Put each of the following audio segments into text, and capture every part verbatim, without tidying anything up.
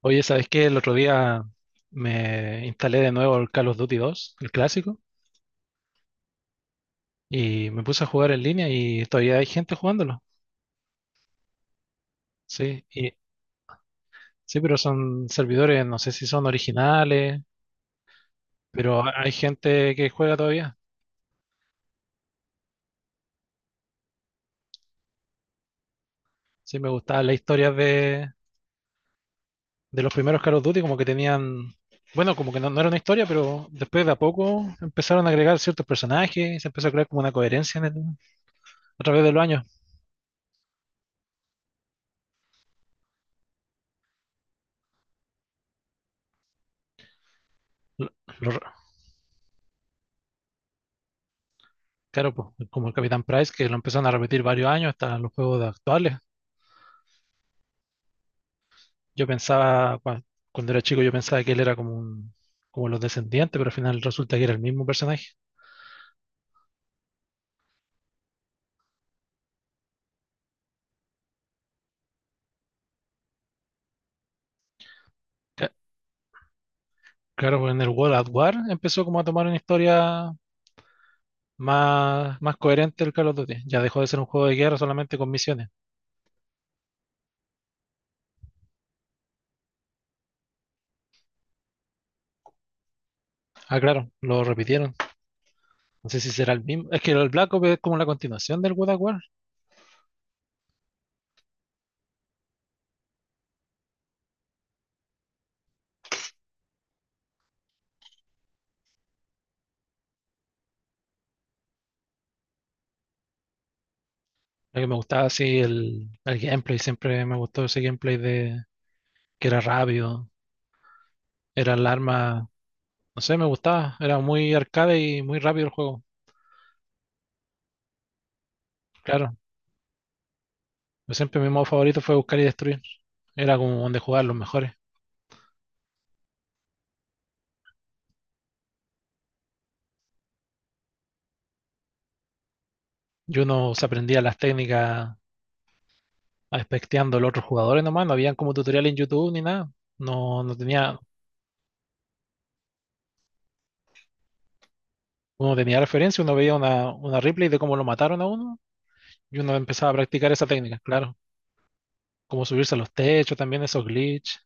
Oye, ¿sabes qué? El otro día me instalé de nuevo el Call of Duty dos, el clásico, y me puse a jugar en línea y todavía hay gente jugándolo. Sí, y, sí, pero son servidores, no sé si son originales, pero ha- hay gente que juega todavía. Sí, me gustaba la historia de, de los primeros Call of Duty, como que tenían, bueno, como que no, no era una historia, pero después de a poco empezaron a agregar ciertos personajes y se empezó a crear como una coherencia en el- a través de los años. ¿Lo, lo Claro, pues, como el Capitán Price, que lo empezaron a repetir varios años hasta los juegos de actuales. Yo pensaba, cua- cuando era chico, yo pensaba que él era como un, como los descendientes, pero al final resulta que era el mismo personaje. Ca- Claro, pues en el World at War empezó como a tomar una historia más, más coherente el Call of Duty. Ya dejó de ser un juego de guerra solamente con misiones. Ah, claro, lo repitieron. No sé si será el mismo. Es que el Black Ops es como la continuación del World at War. Lo que me gustaba así el, el gameplay, siempre me gustó ese gameplay de que era rápido. Era el arma. No sé, me gustaba. Era muy arcade y muy rápido el juego. Claro, yo siempre mi modo favorito fue buscar y destruir. Era como donde jugaban los mejores. Y uno se aprendía las técnicas aspecteando a los otros jugadores nomás. No habían como tutorial en YouTube ni nada. No, no tenía, uno tenía referencia, uno veía una, una replay de cómo lo mataron a uno y uno empezaba a practicar esa técnica, claro. Como subirse a los techos también, esos glitch.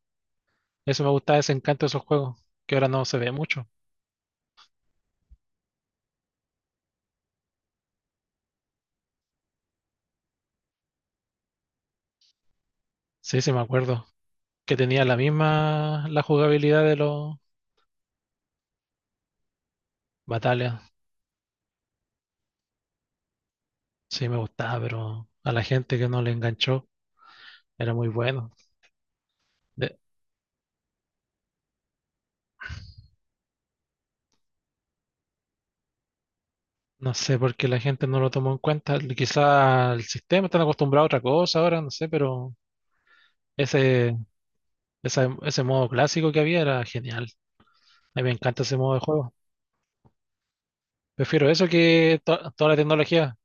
Eso me gustaba, ese encanto de esos juegos, que ahora no se ve mucho. Sí, sí, me acuerdo. Que tenía la misma la jugabilidad de los batallas. Sí, me gustaba, pero a la gente que no le enganchó era muy bueno. De- no sé por qué la gente no lo tomó en cuenta. Quizá el sistema está acostumbrado a otra cosa ahora, no sé, pero ese, esa- ese modo clásico que había era genial. A mí me encanta ese modo de juego. Prefiero eso que to- toda la tecnología.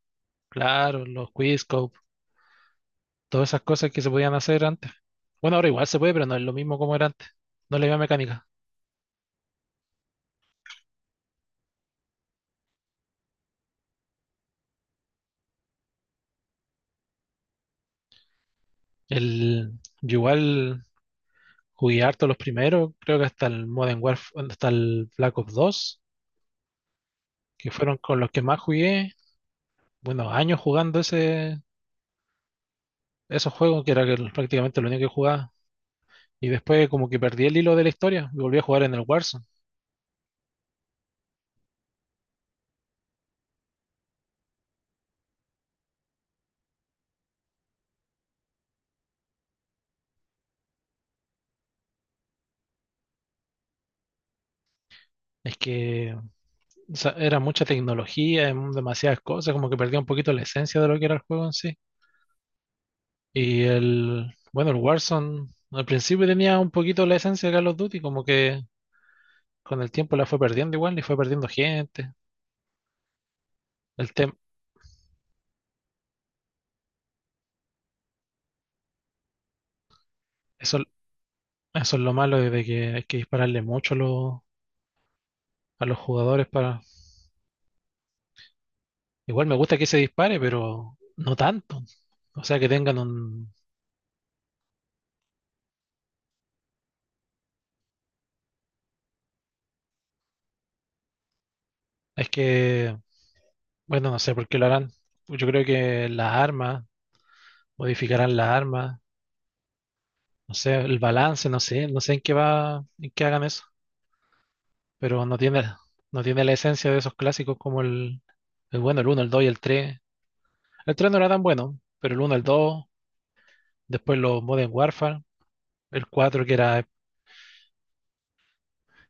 Claro, los Quizscope, todas esas cosas que se podían hacer antes. Bueno, ahora igual se puede, pero no es lo mismo como era antes. No es la misma mecánica. El, yo igual. Jugué harto los primeros, creo que hasta el Modern Warfare, hasta el Black Ops Black Ops dos, que fueron con los que más jugué, bueno, años jugando ese, esos juegos, que era que prácticamente lo único que jugaba. Y después como que perdí el hilo de la historia y volví a jugar en el Warzone. Es que o sea, era mucha tecnología, em, demasiadas cosas, como que perdía un poquito la esencia de lo que era el juego en sí. Y el, bueno, el Warzone al principio tenía un poquito la esencia de Call of Duty, como que con el tiempo la fue perdiendo igual y fue perdiendo gente. El tema, eso. Eso es lo malo, de que hay que dispararle mucho a los, a los jugadores para... Igual me gusta que se dispare, pero no tanto. O sea, que tengan un... Es que, bueno, no sé por qué lo harán. Pues yo creo que las armas, modificarán las armas, no sé, el balance, no sé, no sé en qué va, en qué hagan eso. Pero no tiene, no tiene la esencia de esos clásicos como el, el bueno, el uno, el dos y el tres. El tres no era tan bueno, pero el uno, el dos, después los Modern Warfare, el cuatro que era.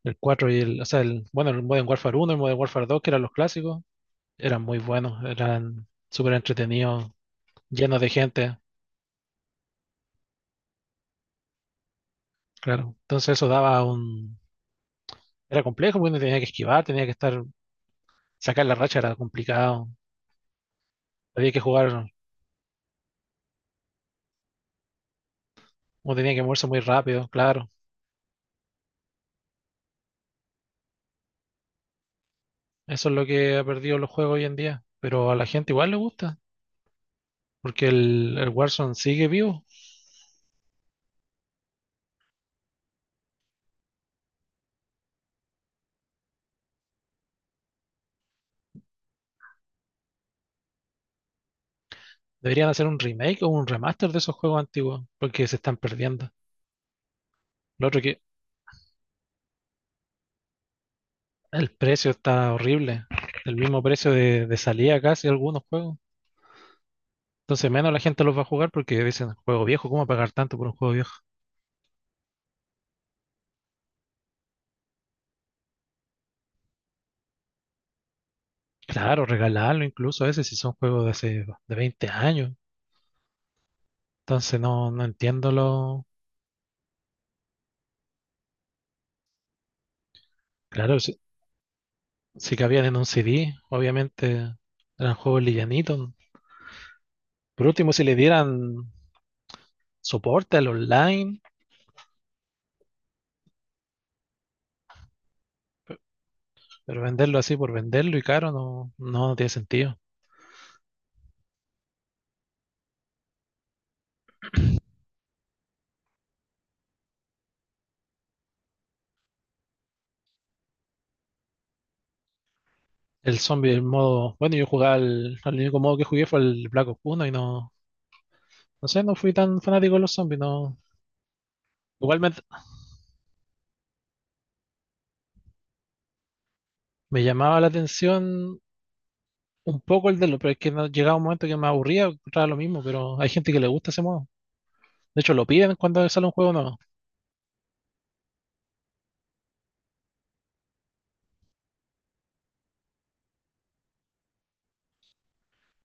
El cuatro y el, o sea, el, bueno, el Modern Warfare uno, el Modern Warfare dos, que eran los clásicos, eran muy buenos, eran súper entretenidos, llenos de gente, claro. Entonces eso daba un... Era complejo, porque uno tenía que esquivar, tenía que estar... Sacar la racha era complicado, había que jugar, uno tenía que moverse muy rápido, claro. Eso es lo que ha perdido los juegos hoy en día, pero a la gente igual le gusta, porque el, el Warzone sigue vivo. Deberían hacer un remake o un remaster de esos juegos antiguos, porque se están perdiendo. Lo otro que... El precio está horrible. El mismo precio de, de salida casi algunos juegos. Entonces menos la gente los va a jugar porque dicen, juego viejo, ¿cómo pagar tanto por un juego viejo? Claro, regalarlo incluso a veces si son juegos de hace de veinte años. Entonces no, no entiendo lo... Claro, si, si cabían en un C D, obviamente eran juegos livianitos. Por último, si le dieran soporte al online, pero venderlo así por venderlo y caro no, no tiene sentido. El zombie, el modo. Bueno, yo jugaba al. El único modo que jugué fue el Black Ops Black Ops uno y no. No sé, no fui tan fanático de los zombies, no. Igual me, me llamaba la atención un poco el de los, pero es que no, llegaba un momento que me aburría, encontraba lo mismo, pero hay gente que le gusta ese modo. De hecho, lo piden cuando sale un juego nuevo.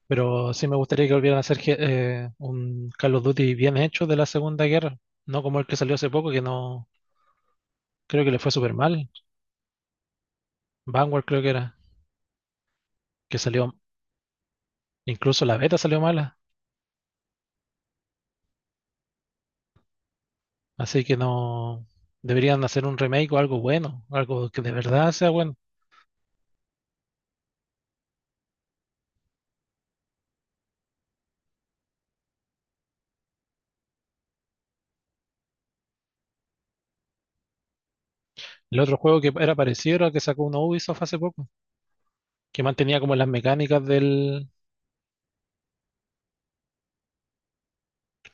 Pero sí me gustaría que volvieran a hacer je- eh, un Call of Duty bien hecho de la Segunda Guerra, no como el que salió hace poco, que no. Creo que le fue súper mal. Vanguard creo que era, que salió. Incluso la beta salió mala. Así que no deberían hacer un remake o algo bueno, algo que de verdad sea bueno. El otro juego que era parecido era el que sacó uno Ubisoft hace poco, que mantenía como las mecánicas del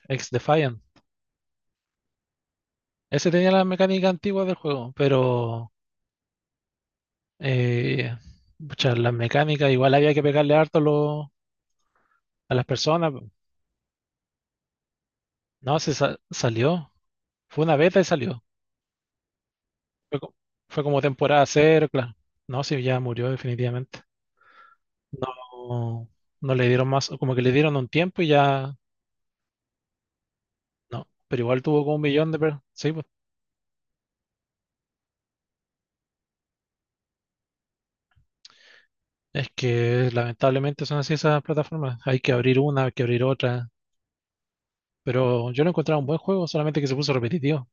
Ex Defiant. Ese tenía las mecánicas antiguas del juego, pero eh, pucha, las mecánicas igual había que pegarle harto a los- a las personas. No, se sa- salió. Fue una beta y salió. Fue, co- fue como temporada cero, claro. No, sí, ya murió definitivamente. No, no le dieron más, como que le dieron un tiempo y ya. No, pero igual tuvo como un millón de... per- Sí, pues. Es que lamentablemente son así esas plataformas. Hay que abrir una, hay que abrir otra. Pero yo lo encontraba un buen juego, solamente que se puso repetitivo.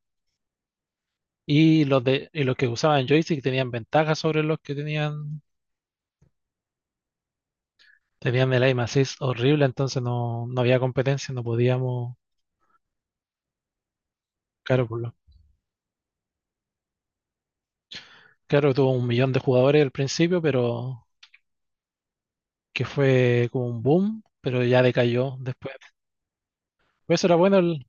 Y los de, y los que usaban joystick tenían ventajas sobre los que tenían, tenían el aim assist horrible, entonces no, no había competencia, no podíamos. Claro, por lo- claro, tuvo un millón de jugadores al principio, pero que fue como un boom, pero ya decayó después. Pues eso era bueno, el-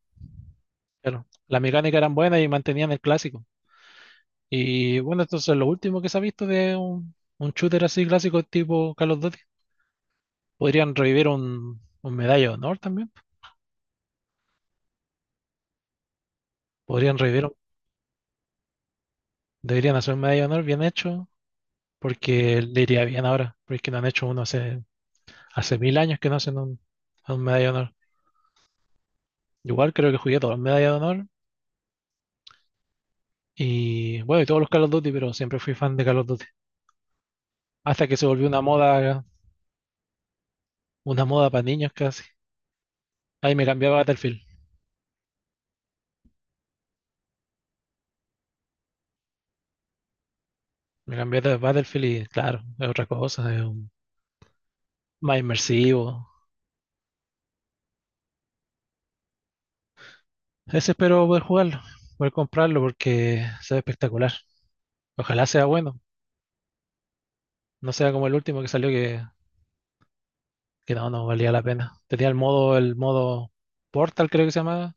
claro, las mecánicas eran buenas y mantenían el clásico. Y bueno, entonces lo último que se ha visto de un, un shooter así clásico tipo Call of Duty. Podrían revivir un, un Medalla de Honor también. Podrían revivir, un- deberían hacer un Medalla de Honor bien hecho, porque le iría bien ahora, porque no han hecho uno hace, hace, mil años que no hacen un, un Medalla de Honor. Igual creo que jugué todos los Medalla de Honor y bueno, y todos los Call of Duty, pero siempre fui fan de Call of Duty. Hasta que se volvió una moda, una moda para niños casi. Ahí me cambié a Battlefield. Me cambié de Battlefield y claro, es otra cosa, es un- más inmersivo. Ese espero poder jugarlo, poder comprarlo porque se ve espectacular. Ojalá sea bueno, no sea como el último que salió que, que, no, no valía la pena. Tenía el modo, el modo Portal creo que se llamaba.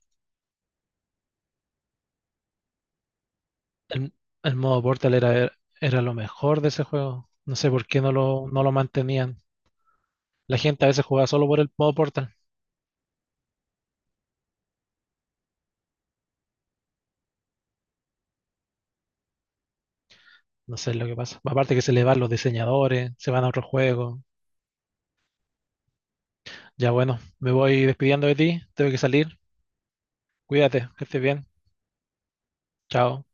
El, el modo Portal era, era lo mejor de ese juego. No sé por qué no lo, no lo mantenían. La gente a veces jugaba solo por el modo Portal. No sé lo que pasa. Aparte que se le van los diseñadores, se van a otro juego. Ya bueno, me voy despidiendo de ti, tengo que salir. Cuídate, que estés bien. Chao.